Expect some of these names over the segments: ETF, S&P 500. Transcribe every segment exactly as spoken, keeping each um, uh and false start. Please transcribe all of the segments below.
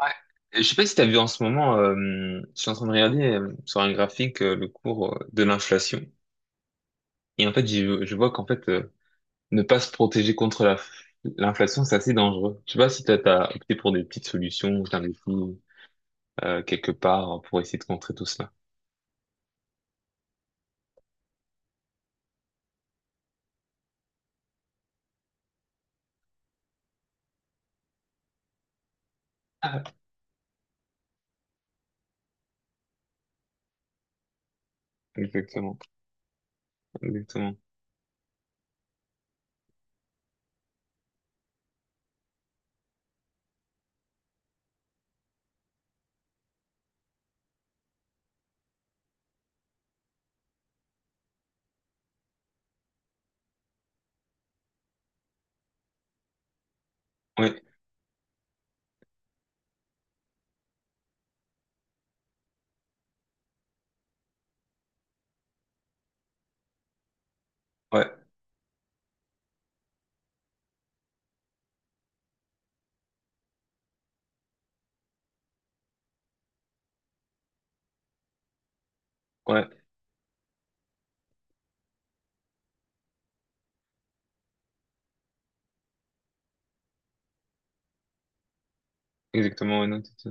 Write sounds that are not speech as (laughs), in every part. Ouais. Je sais pas si tu as vu en ce moment, euh, je suis en train de regarder euh, sur un graphique euh, le cours euh, de l'inflation. Et en fait, j'y- je vois qu'en fait, euh, ne pas se protéger contre la, l'inflation, c'est assez dangereux. Je sais pas si toi, t'as opté pour des petites solutions ou t'as investi euh, quelque part hein, pour essayer de contrer tout cela. Ah, exactement, exactement. Ouais, ouais, ouais, exactement. Ouais, non, tout ça.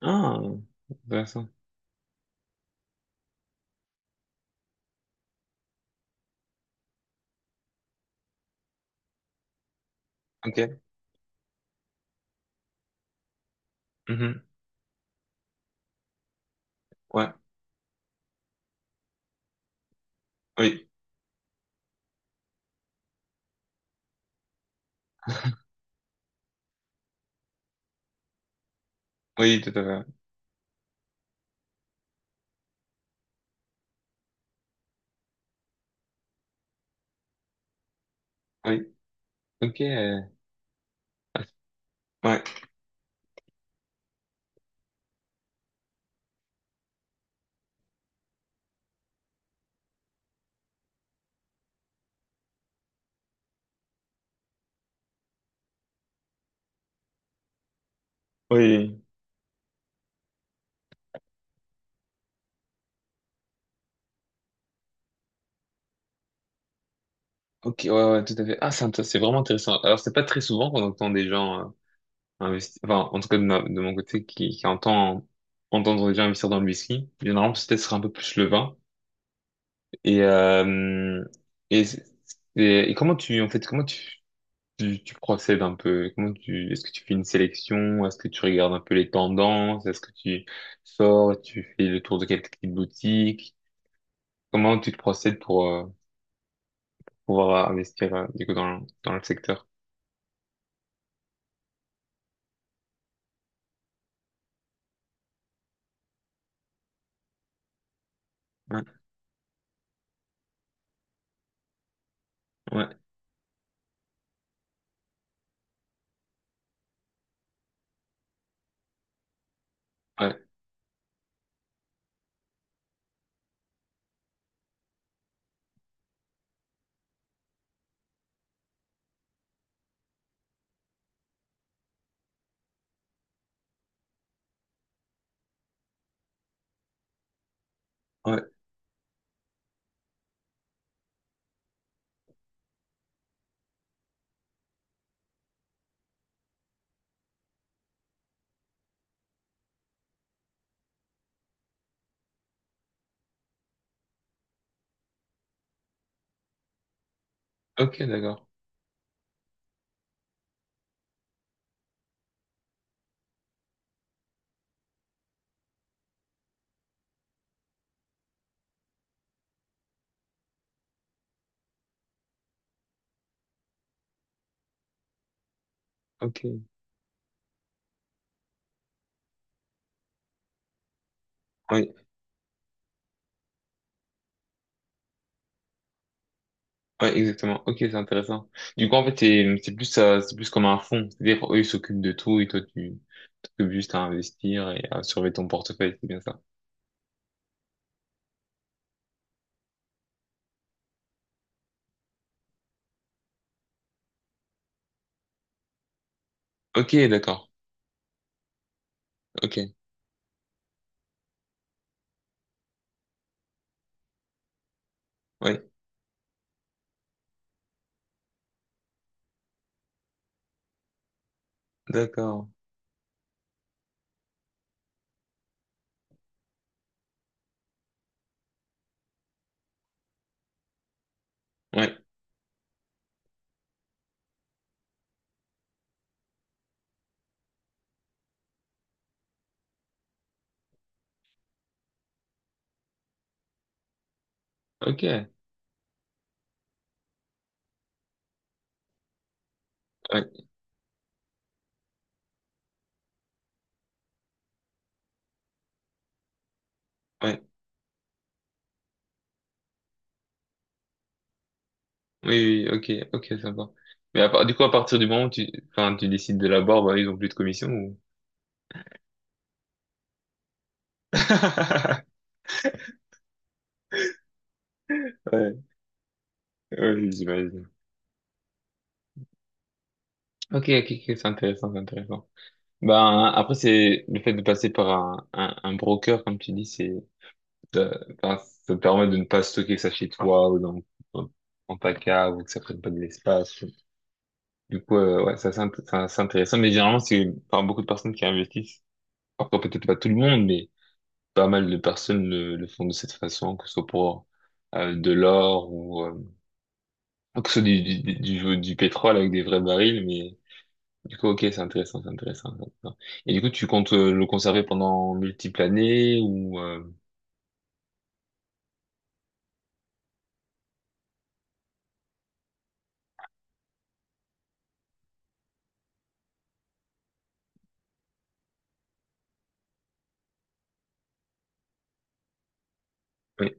Ah, intéressant. Ok. Mhm. Ouais, oui. Oui, tout à fait. Oui. Ok. Euh, ah, ouais. Oui. Ok, ouais, ouais, tout à fait. Ah, c'est int- c'est vraiment intéressant. Alors, c'est pas très souvent qu'on entend des gens euh, investir, enfin, en tout cas de, ma- de mon côté, qui, qui entend entendre des gens investir dans le whisky. Généralement, peut-être ce sera un peu plus le vin. Et, euh, et, c'est- et, et comment tu, en fait, comment tu, tu, tu procèdes un peu? Comment tu, est-ce que tu fais une sélection? Est-ce que tu regardes un peu les tendances? Est-ce que tu sors, tu fais le tour de quelques petites boutiques? Comment tu te procèdes pour, euh, pouvoir investir euh, du coup dans, le- dans le secteur. Ouais, ouais, ouais, ouais. Ok, d'accord. Ok. Oui, ouais, exactement. Ok, c'est intéressant. Du coup, en fait, c'est c'est plus euh, c'est plus comme un fonds. C'est-à-dire, eux, ils s'occupent de tout et toi, tu t'occupes juste à investir et à surveiller ton portefeuille. C'est bien ça. Ok, d'accord. Ok. Ouais, d'accord. Ouais. Ok. Ouais, ouais. Oui, oui, oui. Ok, ok, sympa. Mais à part, du coup, à partir du moment où tu, enfin, tu décides de la barre, bah, ils ont plus de commission ou? (laughs) Ouais, ouais, j'imagine. Ok, ok, ok, c'est intéressant, c'est intéressant. Ben, après, c'est le fait de passer par un, un, un broker, comme tu dis, c'est, ça, enfin, ça te permet de ne pas stocker ça chez toi ou dans, dans, dans ta cave ou que ça prenne pas de l'espace. Du coup, euh, ouais, ça, c'est int- ça, c'est intéressant. Mais généralement, c'est par beaucoup de personnes qui investissent. Encore peut-être pas tout le monde, mais pas mal de personnes le, le font de cette façon, que ce soit pour euh, de l'or ou euh, que ce soit du, du, du, du du pétrole avec des vrais barils, mais du coup, ok, c'est intéressant, c'est intéressant, c'est intéressant. Et du coup, tu comptes euh, le conserver pendant multiples années ou euh, Oui,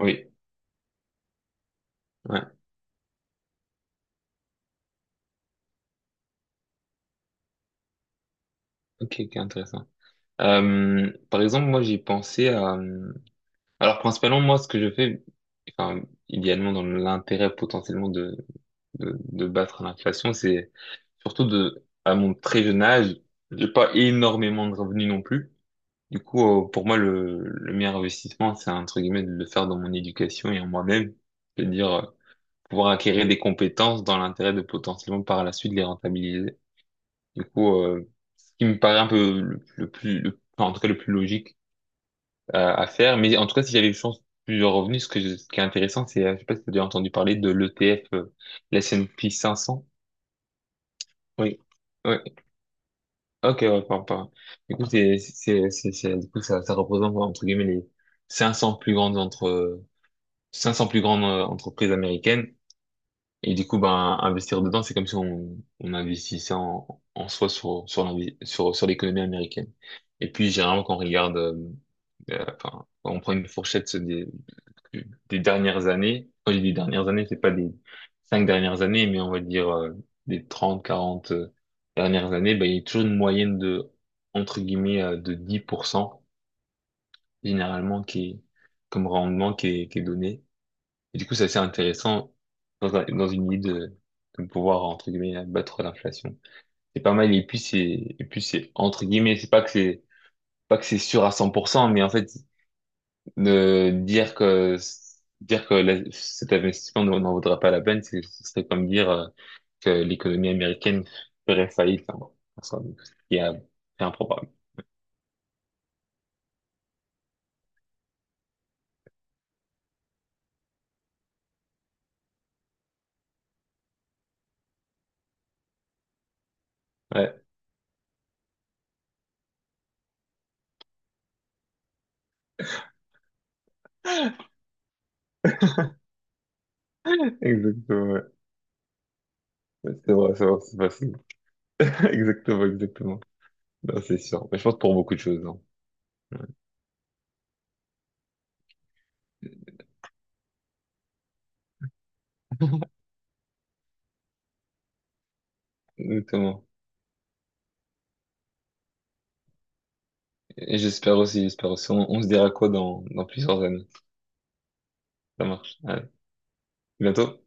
oui, ouais. Ok, ok, intéressant. Euh, par exemple, moi, j'ai pensé à. euh, Alors, principalement, moi, ce que je fais, enfin, idéalement, dans l'intérêt potentiellement de, de de battre l'inflation, c'est surtout de, à mon très jeune âge, j'ai pas énormément de revenus non plus. Du coup, euh, pour moi, le, le meilleur investissement, c'est entre guillemets de le faire dans mon éducation et en moi-même. C'est-à-dire euh, pouvoir acquérir des compétences dans l'intérêt de potentiellement par la suite les rentabiliser. Du coup, euh, ce qui me paraît un peu le, le plus, le- enfin, en tout cas le plus logique à, à faire. Mais en tout cas, si j'avais eu chance plusieurs revenus, ce que je- ce qui est intéressant. C'est, euh, je sais pas si tu as déjà entendu parler de l'E T F, euh, l'S and P cinq cents. Oui. Oui. Ok, ouais, pardon, pardon. Du coup, c'est, c'est, c'est, c'est- du coup, ça, ça représente, entre guillemets, les cinq cents plus grandes entre, cinq cents plus grandes euh, entreprises américaines. Et du coup, ben, investir dedans, c'est comme si on, on investissait en, en soi sur, sur, l'invi- sur, sur l'économie américaine. Et puis, généralement, quand on regarde, euh, euh, enfin, quand on prend une fourchette des, des dernières années, quand je dis dernières années, c'est pas des cinq dernières années, mais on va dire euh, des trente quarante euh, dernières années, ben, il y a toujours une moyenne de, entre guillemets, euh, de dix pour cent généralement, qui est, comme rendement qui est, qui est donné. Et du coup, c'est assez intéressant dans, un- dans une idée de, de pouvoir, entre guillemets, battre l'inflation. C'est pas mal. Et puis, c'est, et puis, c'est, entre guillemets, c'est pas que c'est, pas que c'est sûr à cent pour cent mais en fait, ne dire que, dire que la- cet investissement n'en n'en vaudra pas la peine, c'est- ce serait comme dire euh, que l'économie américaine ferait faillite. Hein. Enfin, bon, en soi, donc, ce qui est un- c'est improbable. Ouais, (laughs) exactement. Ouais. C'est vrai, c'est vrai, c'est facile. (laughs) Exactement, exactement. Non, c'est sûr. Mais je pense pour beaucoup de choses, hein. Exactement. Et j'espère aussi, j'espère aussi. On, on se dira quoi dans, dans plusieurs années. Ça marche. Allez, à bientôt.